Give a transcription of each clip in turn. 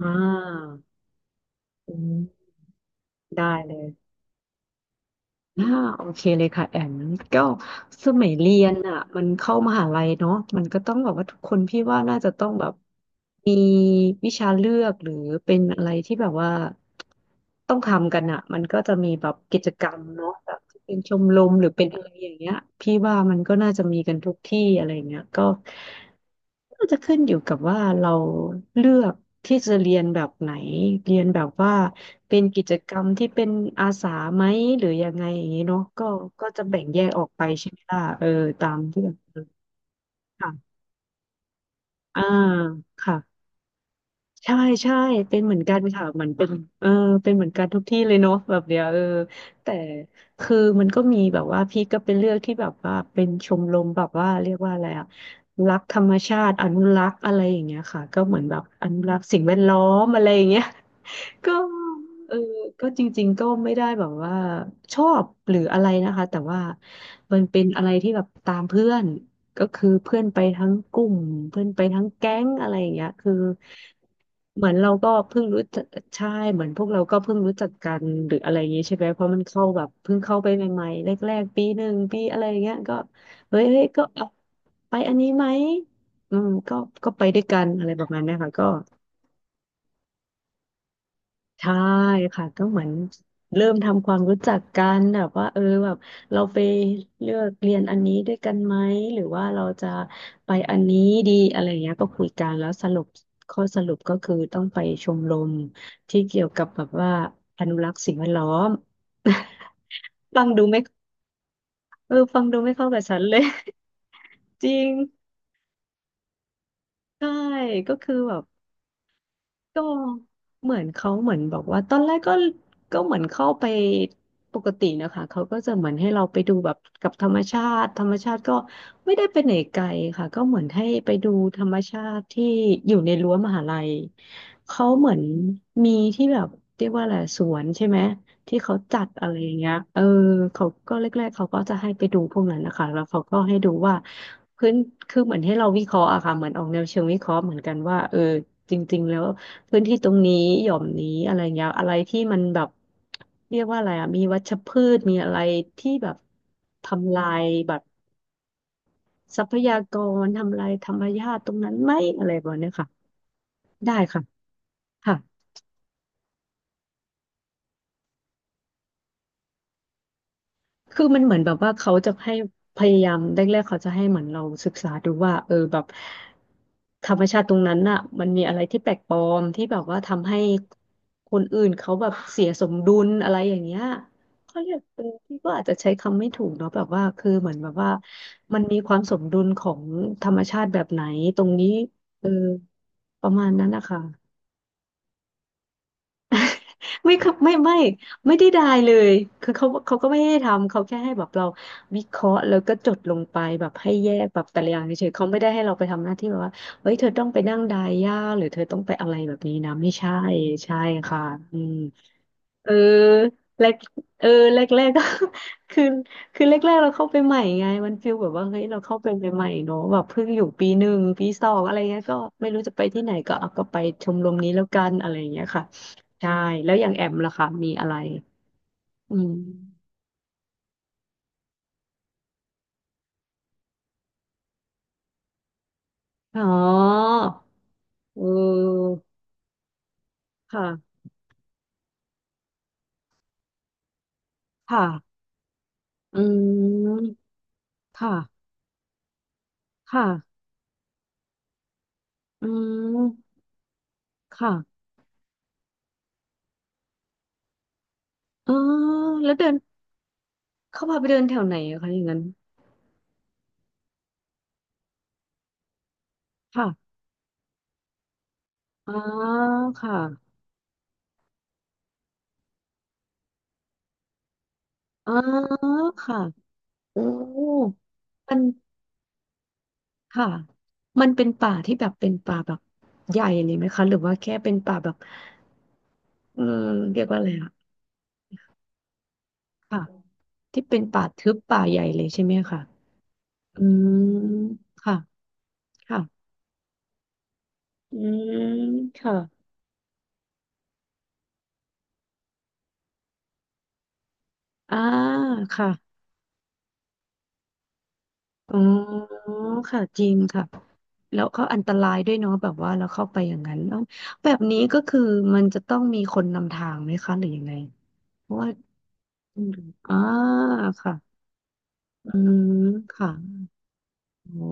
อ่าอืมได้เลยอ่าโอเคเลยค่ะแอมก็สมัยเรียนอ่ะมันเข้ามหาลัยเนาะมันก็ต้องแบบว่าทุกคนพี่ว่าน่าจะต้องแบบมีวิชาเลือกหรือเป็นอะไรที่แบบว่าต้องทำกันอ่ะมันก็จะมีแบบกิจกรรมเนาะแบบที่เป็นชมรมหรือเป็นอะไรอย่างเงี้ยพี่ว่ามันก็น่าจะมีกันทุกที่อะไรอย่างเงี้ยก็ น่าจะขึ้นอยู่กับว่าเราเลือกที่จะเรียนแบบไหนเรียนแบบว่าเป็นกิจกรรมที่เป็นอาสาไหมหรือยังไงอย่างนี้เนาะก็ก็จะแบ่งแยกออกไปใช่ไหมล่ะเออตามที่แบบค่ะอ่าค่ะ ใช่ใช่เป็นเหมือนกันค่ะเหมือนเป็นเออเป็นเหมือนกันทุกที่เลยเนาะแบบเนี้ยเออแต่คือมันก็มีแบบว่าพี่ก็เป็นเรื่องที่แบบว่าเป็นชมรมแบบว่าเรียกว่าอะไรอะรักธรรมชาติอนุรักษ์อะไรอย่างเงี้ยค่ะก็เหมือนแบบอนุรักษ์สิ่งแวดล้อมอะไรอย่างเงี้ย ก็เออก็จริงๆก็ไม่ได้แบบว่าชอบหรืออะไรนะคะแต่ว่ามันเป็นอะไรที่แบบตามเพื่อน ก็คือเพื่อนไปทั้งกลุ่มเพื่อนไปทั้งแก๊งอะไรอย่างเงี้ยคือเหมือนเราก็เพิ่งรู้จักใช่เหมือนพวกเราก็เพิ่งรู้จักกันหรืออะไรอย่างงี้ใช่ไหมเพราะมันเข้าแบบเพิ่งเข้าไปใหม่ๆแรกๆปีหนึ่งปีอะไรอย่างเงี้ยก็เฮ้ยเฮ้ยก็เอาไปอันนี้ไหมอืมก็ก็ไปด้วยกันอะไรประมาณเนี้ยค่ะก็ ใช่ค่ะก็เหมือนเริ่มทำความรู้จักกันแบบว่าเออแบบเราไปเลือกเรียนอันนี้ด้วยกันไหมหรือว่าเราจะไปอันนี้ดีอะไรเงี้ยก็คุยกันแล้วสรุปข้อสรุปก็คือต้องไปชมรมที่เกี่ยวกับแบบว่าอนุรักษ์สิ่งแวดล้อม ฟังดูไม่เออฟังดูไม่เข้ากับฉันเลย จริงใช่ก็คือแบบ ก็เหมือนเขาเหมือนบอกว่าตอนแรกก็ก็เหมือนเข้าไปปกตินะคะเขาก็จะเหมือนให้เราไปดูแบบกับธรรมชาติธรรมชาติก็ไม่ได้ไปไหนไกลค่ะก็เหมือนให้ไปดูธรรมชาติที่อยู่ในรั้วมหาลัยเขาเหมือนมีที่แบบเรียกว่าอะไรสวนใช่ไหมที่เขาจัดอะไรอย่างเงี้ยเออเขาก็แรกๆเขาก็จะให้ไปดูพวกนั้นนะคะแล้วเขาก็ให้ดูว่าพื้นคือเหมือนให้เราวิเคราะห์อะค่ะเหมือนออกแนวเชิงวิเคราะห์เหมือนกันว่าเออจริงๆแล้ว พื้นที่ตรงนี้หย่อมนี้อะไรเงี้ยอะไรที่มันแบบเรียกว่าอะไรอ่ะมีวัชพืชมีอะไรที่แบบทำลายแบบทรัพยากรทำลายธรรมชาติตรงนั้นไหมอะไรแบบเนี้ยค่ะได้ค่ะค่ะ คือมันเหมือนแบบว่าเขาจะให้พยายามแรกๆเขาจะให้เหมือนเราศึกษาดูว่าเออแบบธรรมชาติตรงนั้นน่ะมันมีอะไรที่แปลกปลอมที่แบบว่าทำให้คนอื่นเขาแบบเสียสมดุลอะไรอย่างเงี้ยเขาเรียกเออพี่ก็อาจจะใช้คำไม่ถูกเนาะแบบว่าคือเหมือนแบบว่ามันมีความสมดุลของธรรมชาติแบบไหนตรงนี้เออประมาณนั้นนะคะ ไม่ครับไม่ไม่ไม่ได้ไดายเลยคือเขาเขาก็ไม่ได้ทำเขาแค่ให้แบบเราวิเคราะห์แล้วก็จดลงไปแบบให้แยกแบบแต่ละอย่างเฉยๆเขาไม่ได้ให้เราไปทำหน้าที่แบบว่าเฮ้ยเธอต้องไปนั่งไดายยญาหรือเธอต้องไปอะไรแบบนี้นะไม่ใช่ใช่ค่ะอืม เอแรกเออแรกแร กก็ คือคือแรกแรกเราเข้าไปใหม่ไงมันฟีลแบบว่าเฮ้ยเราเข้าไปใหม่ๆเนอะแบบเพิ่งอยู่ปีหนึ่งปีสองอะไรเงี้ยก็ไม่รู้จะไปที่ไหนก็เอาก็ไปชมรมนี้แล้วกันอะไรเงี้ยค่ะใช่แล้วอย่างแอมล่ะคะมีอะไรอืมอ๋อเออค่ะค่ะอืมค่ะค่ะอืมค่ะเออแล้วเดินเข้าพาไปเดินแถวไหนอะคะอย่างนั้นค่ะอ๋อค่ะ อ๋อค่ะโอืมมันค่ะ มันเป็นป่าที่แบบเป็นป่าแบบใหญ่เลยไหมคะหรือว่าแค่เป็นป่าแบบเออเรียกว่าอะไรอะค่ะที่เป็นป่าทึบป่าใหญ่เลยใช่ไหมคะอืมค่ะค่ะอืมค่ะอ่าค่ะอ๋อค่ะจริงค่ะแล้วเขาอันตรายด้วยเนาะแบบว่าเราเข้าไปอย่างนั้นเอ้าแบบนี้ก็คือมันจะต้องมีคนนำทางไหมคะ หรือยังไงเพราะว่า อืมอ่าค่ะอืมค่ะอ๋อ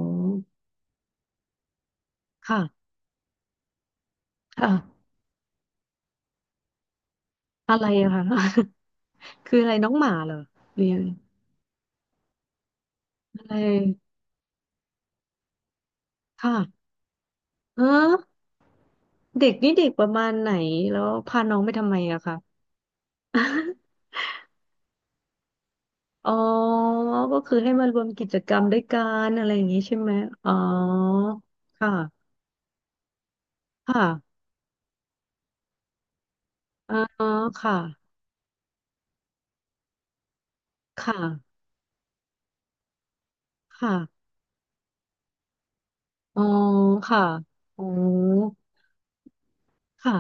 ค่ะค่ะอะไรอะคะ คืออะไรน้องหมาเหรอหรือยนอะไรค่ะเออเด็กนี่เด็กประมาณไหนแล้วพาน้องไปทำไมอะคะ อ๋อก็คือให้มารวมกิจกรรมด้วยกันอะไรอย่างนี้ใช่ไหมอ๋อค่ะค่ะอ๋อค่ะค่ะค่ะอ๋อค่ะอ๋อค่ะ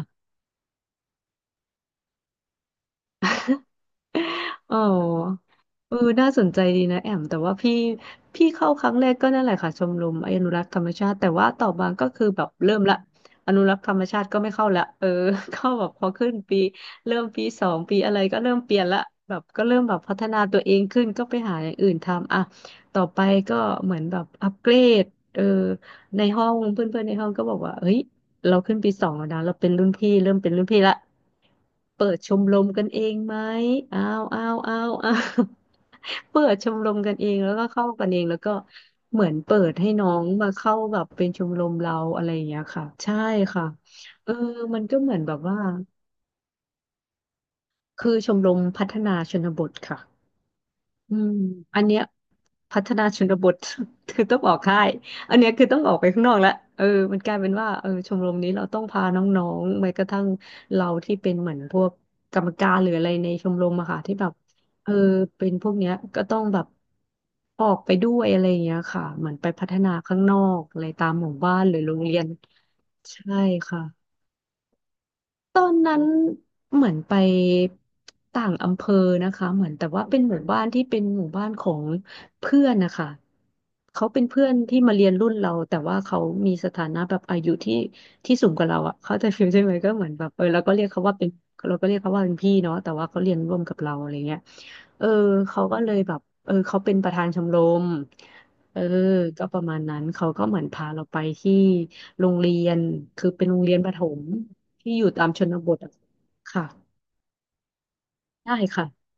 อ๋อเออน่าสนใจดีนะแอมแต่ว่าพี่เข้าครั้งแรกก็นั่นแหละค่ะชมรมอนุรักษ์ธรรมชาติแต่ว่าต่อมาก็คือแบบเริ่มละอนุรักษ์ธรรมชาติก็ไม่เข้าละเออ เข้าแบบพอขึ้นปีเริ่มปีสองปีอะไรก็เริ่มเปลี่ยนละแบบก็เริ่มแบบพัฒนาตัวเองขึ้นก็ไปหาอย่างอื่นทำอ่ะต่อไปก็เหมือนแบบอัปเกรดเออในห้องเพื่อนๆในห้องก็บอกว่าเฮ้ย เราขึ้นปีสองแล้วนะเราเป็นรุ่นพี่เริ่มเป็นรุ่นพี่ละเปิดชมรมกันเองไหมอ้าวอ้าวอ้าวอ้าว เปิดชมรมกันเองแล้วก็เข้ากันเองแล้วก็เหมือนเปิดให้น้องมาเข้าแบบเป็นชมรมเราอะไรอย่างเงี้ยค่ะใช่ค่ะเออมันก็เหมือนแบบว่าคือชมรมพัฒนาชนบทค่ะ อืมอันเนี้ยพัฒนาชนบท คือต้องออกค่ายอันเนี้ยคือต้องออกไปข้างนอกแล้วเออมันกลายเป็นว่าเออชมรมนี้เราต้องพาน้องๆแม้กระทั่งเราที่เป็นเหมือนพวกกรรมการหรืออะไรในชมรมอะค่ะที่แบบเออเป็นพวกเนี้ยก็ต้องแบบออกไปด้วยอะไรอย่างเงี้ยค่ะเหมือนไปพัฒนาข้างนอกอะไรตามหมู่บ้านหรือโรงเรียนใช่ค่ะ ตอนนั้นเหมือนไปต่างอำเภอนะคะเหมือนแต่ว่าเป็นหมู่บ้านที่เป็นหมู่บ้านของเพื่อนนะคะเขาเป็นเพื่อนที่มาเรียนรุ่นเราแต่ว่าเขามีสถานะแบบอายุที่สูงกว่าเราอ่ะเขาใจะฟิลใช่ไหมก็เหมือนแบบเออเราก็เรียกเขาว่าเป็นเราก็เรียกเขาว่าเป็นพี่เนาะแต่ว่าเขาเรียนร่วมกับเราอะไรเงี้ยเออเขาก็เลยแบบเออเขาเป็นประธานชมรมเออก็ประมาณนั้นเขาก็เหมือนพาเราไปที่โรงเรียนคือเป็นโรงเรียนประถม ที่อยู่ตามชนบทอะค่ะได้ค่ะ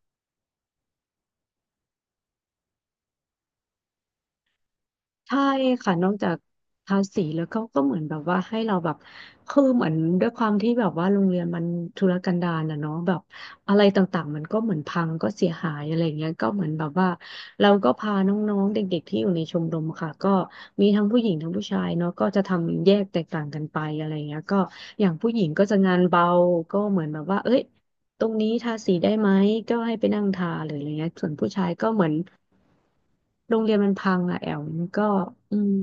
ใช่ค่ะนอกจากทาสีแล้วก็เหมือนแบบว่าให้เราแบบคือเหมือนด้วยความที่แบบว่าโรงเรียนมันทุรกันดารนะเนาะแบบอะไรต่างๆมันก็เหมือนพังก็เสียหายอะไรเงี้ยก็เหมือนแบบว่าเราก็พาน้องๆเด็กๆที่อยู่ในชมรมค่ะก็มีทั้งผู้หญิงทั้งผู้ชายเนาะก็จะทำแยกแตกต่างกันไปอะไรเงี้ยก็อย่างผู้หญิงก็จะงานเบาก็เหมือนแบบว่าเอ้ย ตรงนี้ทาสีได้ไหมก็ให้ไปนั่งทาหรืออะไรเงี้ยส่วนผู้ชายก็เหมือนโรงเรียนมันพังอะแอลมันก็อืม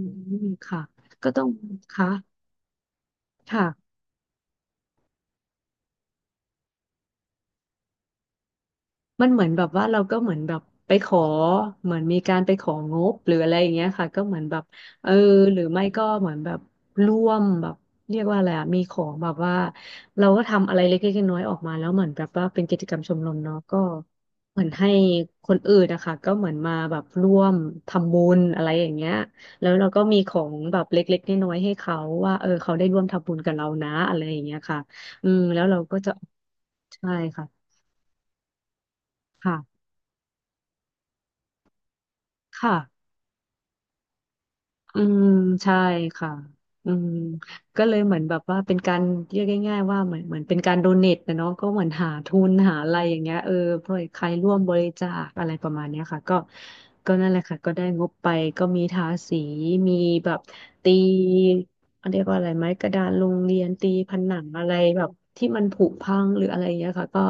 ค่ะก็ต้องค่ะค่ะ มันเหมือนแบบว่าเราก็เหมือนแบบไปขอเหมือนมีการไปของบหรืออะไรอย่างเงี้ยค่ะก็เหมือนแบบเออหรือไม่ก็เหมือนแบบร่วมแบบเรียกว่าอะไรอะมีของแบบว่าเราก็ทำอะไรเล็กๆน้อยๆออกมาแล้วเหมือนแบบว่าเป็นกิจกรรมชมรมเนาะก็เหมือนให้คนอื่นนะคะก็เหมือนมาแบบร่วมทำบุญอะไรอย่างเงี้ยแล้วเราก็มีของแบบเล็กๆน้อยๆให้เขาว่าเออเขาได้ร่วมทำบุญกับเรานะอะไรอย่างเงี้ยค่ะอืมแล้วเราก็จะใช่ค่ะค่ะค่ะ อืมใช่ค่ะอืมก็เลยเหมือนแบบว่าเป็นการเรียกง่ายๆว่าเหมือนเป็นการโดเนทนะเนาะก็เหมือนหาทุนหาอะไรอย่างเงี้ยเออเพื่อใครร่วมบริจาคอะไรประมาณเนี้ยค่ะก็นั่นแหละค่ะก็ได้งบไปก็มีทาสีมีแบบตีเรียกว่าอะไรไหมกระดานโรงเรียนตีผนังอะไรแบบที่มันผุพังหรืออะไรอย่างเงี้ยค่ะก็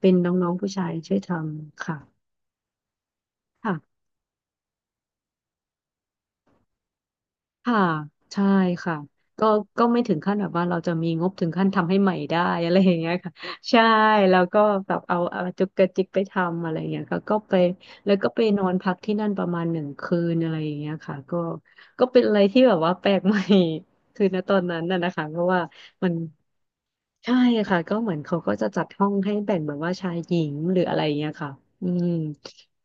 เป็นน้องๆผู้ชายช่วยทำค่ะ ค่ะใช่ค่ะก็ก็ไม่ถึงขั้นแบบว่าเราจะมีงบถึงขั้นทำให้ใหม่ได้ อะไรอย่างเงี้ยค่ะใช่แล้วก็แบบเอาจุกกระจิกไปทำอะไรอย่างเงี้ยค่ะก็ไปแล้วก็ไปนอนพักที่นั่นประมาณหนึ่งคืนอะไรอย่างเงี้ยค่ะก็ก็เป็นอะไรที่แบบว่าแปลก ใหม่ คือณตอนนั้นน่ะนะคะเพราะว่ามันใช่ค่ะก็เหมือนเขาก็จะจัดห้องให้แบ่งแบบว่าชายหญิงหรืออะไรอย่างเงี้ยค่ะอืม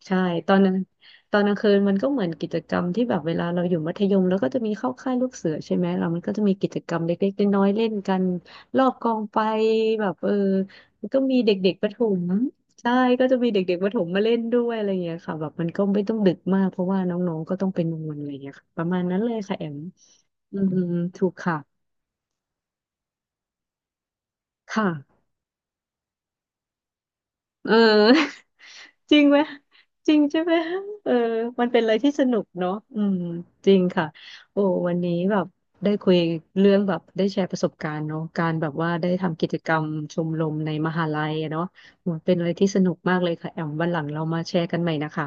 ใช่ตอนนั้น ตอนกลางคืนมันก็เหมือนกิจกรรมที่แบบเวลาเราอยู่มัธยมแล้วก็จะมีเข้าค่ายลูกเสือใช่ไหมเรามันก็จะมีกิจกรรมเล็กๆน้อยๆเล่นกันรอบกองไฟแบบเออมันก็มีเด็กๆประถมใช่ก็จะมีเด็กๆประถมมาเล่นด้วยอะไรอย่างเงี้ยค่ะแบบมันก็ไม่ต้องดึกมากเพราะว่าน้องๆก็ต้องไปนอนอะไรอย่างเงี้ยค่ะประมาณนั้นเลยค่ะแอมอืมถูกค่ะค่ะ เออ จริงไหมจริงใช่ไหมเออมันเป็นอะไรที่สนุกเนาะอืมจริงค่ะโอ้วันนี้แบบได้คุยเรื่องแบบได้แชร์ประสบการณ์เนาะการแบบว่าได้ทำกิจกรรมชมรมในมหาลัยอะเนาะโอ้เป็นอะไรที่สนุกมากเลยค่ะแอมวันหลังเรามาแชร์กันใหม่นะคะ